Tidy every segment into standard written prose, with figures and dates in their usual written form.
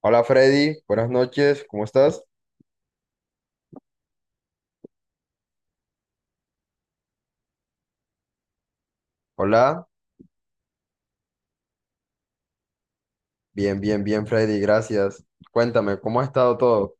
Hola Freddy, buenas noches, ¿cómo estás? Hola, bien Freddy, gracias. Cuéntame, ¿cómo ha estado todo?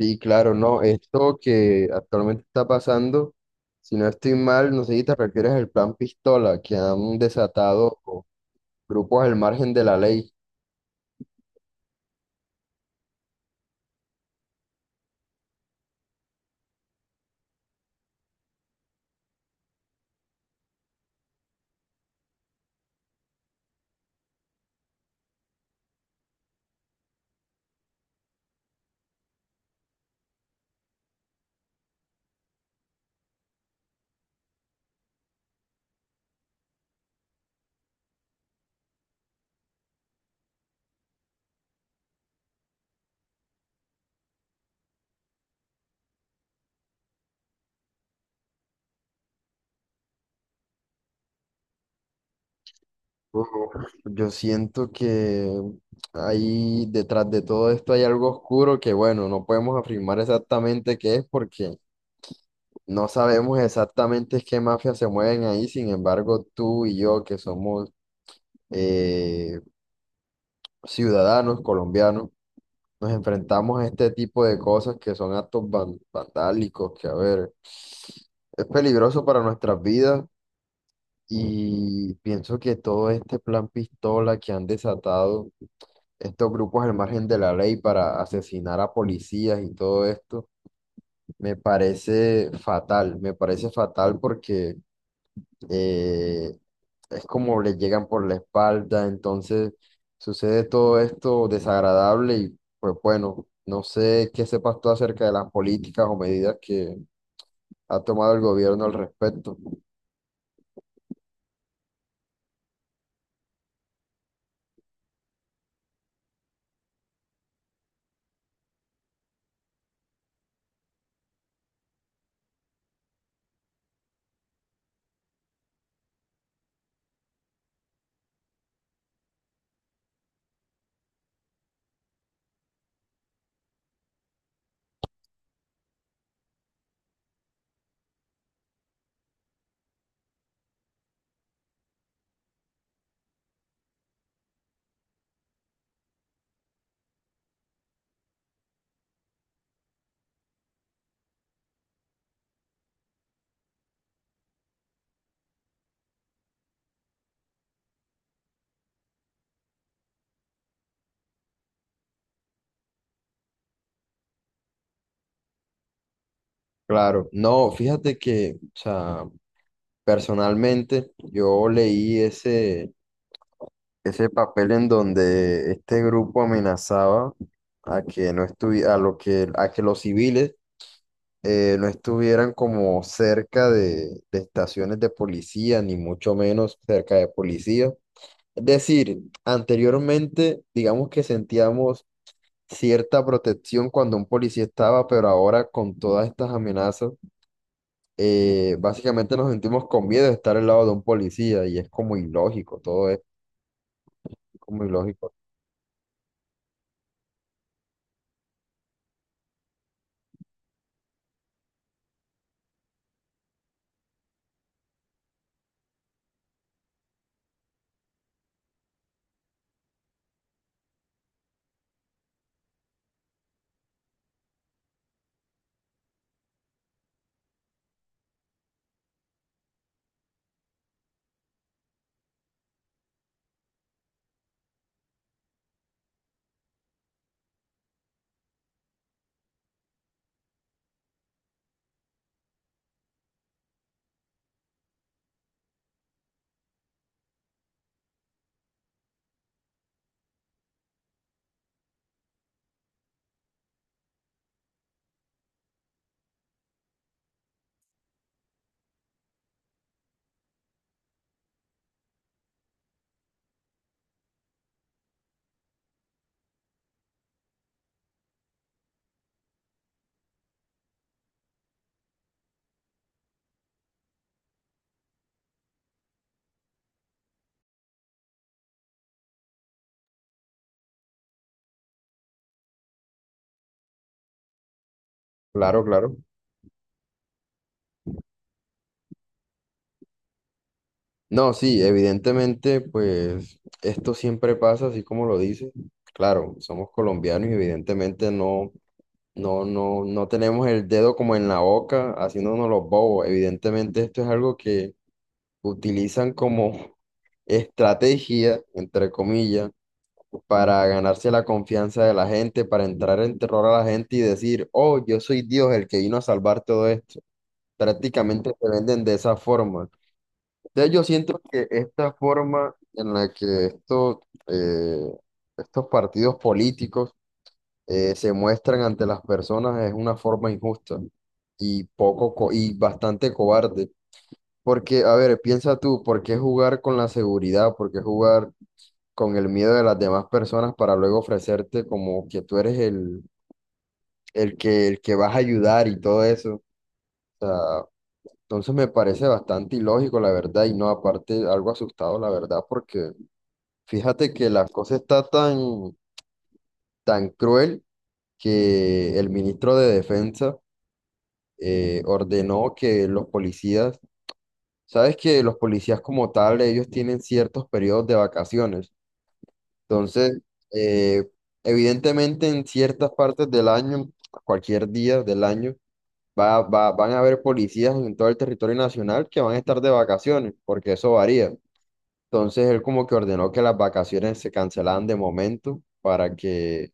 Sí, claro, no, esto que actualmente está pasando, si no estoy mal, no sé si te refieres al plan Pistola, que han desatado grupos al margen de la ley. Uf, Yo siento que ahí detrás de todo esto hay algo oscuro que, bueno, no podemos afirmar exactamente qué es porque no sabemos exactamente qué mafias se mueven ahí. Sin embargo, tú y yo, que somos, eh, ciudadanos colombianos, nos enfrentamos a este tipo de cosas que son actos vandálicos, que, a ver, es peligroso para nuestras vidas, y pienso que todo este plan pistola que han desatado estos grupos al margen de la ley para asesinar a policías y todo esto, me parece fatal porque... eh, es como le llegan por la espalda. Entonces sucede todo esto desagradable y pues bueno, no sé qué sepas tú acerca de las políticas o medidas que ha tomado el gobierno al respecto. Claro, no, fíjate que, o sea, personalmente yo leí ese papel en donde este grupo amenazaba a que no a que los civiles no estuvieran como cerca de estaciones de policía, ni mucho menos cerca de policía. Es decir, anteriormente, digamos que sentíamos cierta protección cuando un policía estaba, pero ahora con todas estas amenazas, básicamente nos sentimos con miedo de estar al lado de un policía y es como ilógico, todo es como ilógico. Claro, claro. No, sí, evidentemente, pues esto siempre pasa, así como lo dice. Claro, somos colombianos y evidentemente no, no tenemos el dedo como en la boca, haciéndonos los bobos. Evidentemente, esto es algo que utilizan como estrategia, entre comillas, para ganarse la confianza de la gente, para entrar en terror a la gente y decir, oh, yo soy Dios, el que vino a salvar todo esto. Prácticamente se venden de esa forma. Entonces, yo siento que esta forma en la que eh, estos partidos políticos se muestran ante las personas es una forma injusta y y bastante cobarde. Porque, a ver, piensa tú, ¿por qué jugar con la seguridad? ¿Por qué jugar con el miedo de las demás personas para luego ofrecerte como que tú eres el que vas a ayudar y todo eso? O sea, entonces me parece bastante ilógico, la verdad, y no, aparte, algo asustado, la verdad, porque fíjate que la cosa está tan cruel que el ministro de Defensa ordenó que los policías, sabes que los policías como tal, ellos tienen ciertos periodos de vacaciones. Entonces, eh, evidentemente en ciertas partes del año, cualquier día del año, van a haber policías en todo el territorio nacional que van a estar de vacaciones, porque eso varía. Entonces, él como que ordenó que las vacaciones se cancelaran de momento para que...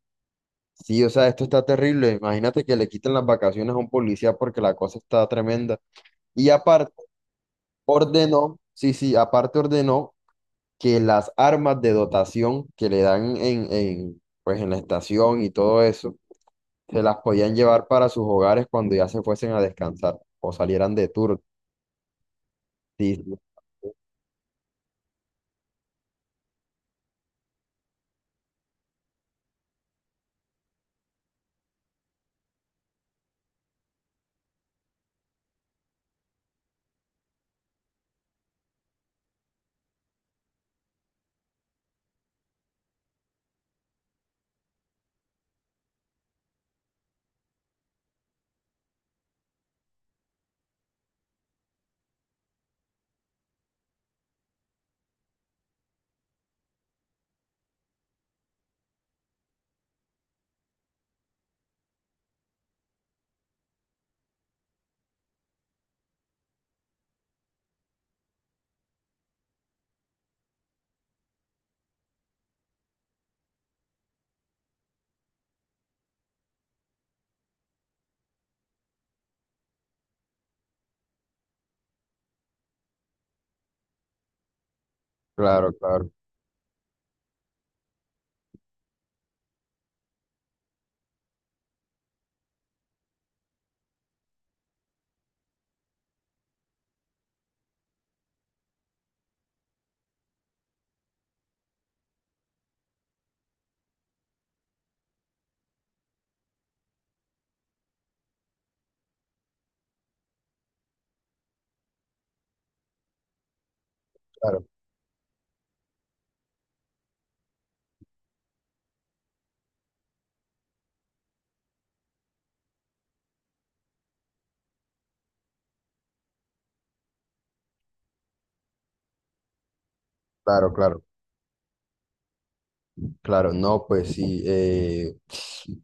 Sí, o sea, esto está terrible. Imagínate que le quiten las vacaciones a un policía porque la cosa está tremenda. Y aparte, ordenó, sí, sí, aparte ordenó que las armas de dotación que le dan pues en la estación y todo eso, se las podían llevar para sus hogares cuando ya se fuesen a descansar o salieran de tour. Sí, sí, claro, claro, claro, claro, claro, claro. No, pues sí,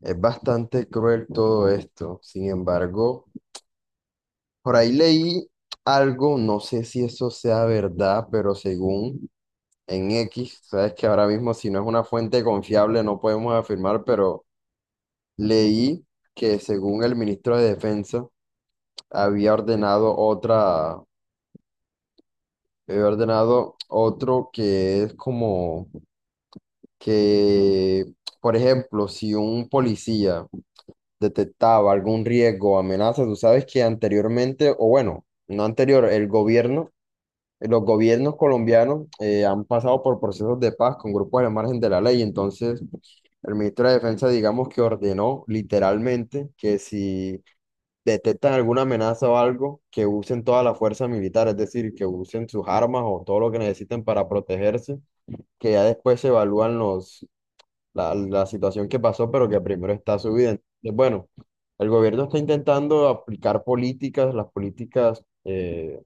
es bastante cruel todo esto. Sin embargo, por ahí leí algo, no sé si eso sea verdad, pero según en X, sabes que ahora mismo si no es una fuente confiable no podemos afirmar, pero leí que según el ministro de Defensa había ordenado otra, había ordenado otro que es como que, por ejemplo, si un policía detectaba algún riesgo o amenaza, tú sabes que anteriormente, o bueno, no anterior, el gobierno los gobiernos colombianos han pasado por procesos de paz con grupos al margen de la ley. Entonces, el ministro de Defensa, digamos que ordenó literalmente que si detectan alguna amenaza o algo, que usen toda la fuerza militar, es decir, que usen sus armas o todo lo que necesiten para protegerse, que ya después se evalúan la situación que pasó, pero que primero está su vida. Entonces, bueno, el gobierno está intentando aplicar políticas, las políticas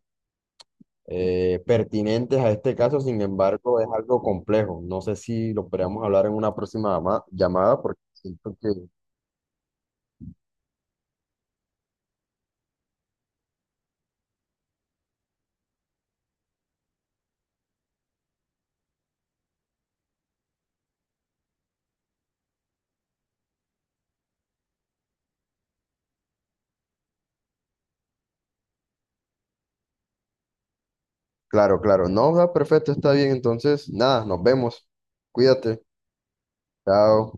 pertinentes a este caso. Sin embargo, es algo complejo. No sé si lo podríamos hablar en una próxima llamada, porque siento que... Claro, claro, no, ah, perfecto, está bien, entonces, nada, nos vemos. Cuídate, chao.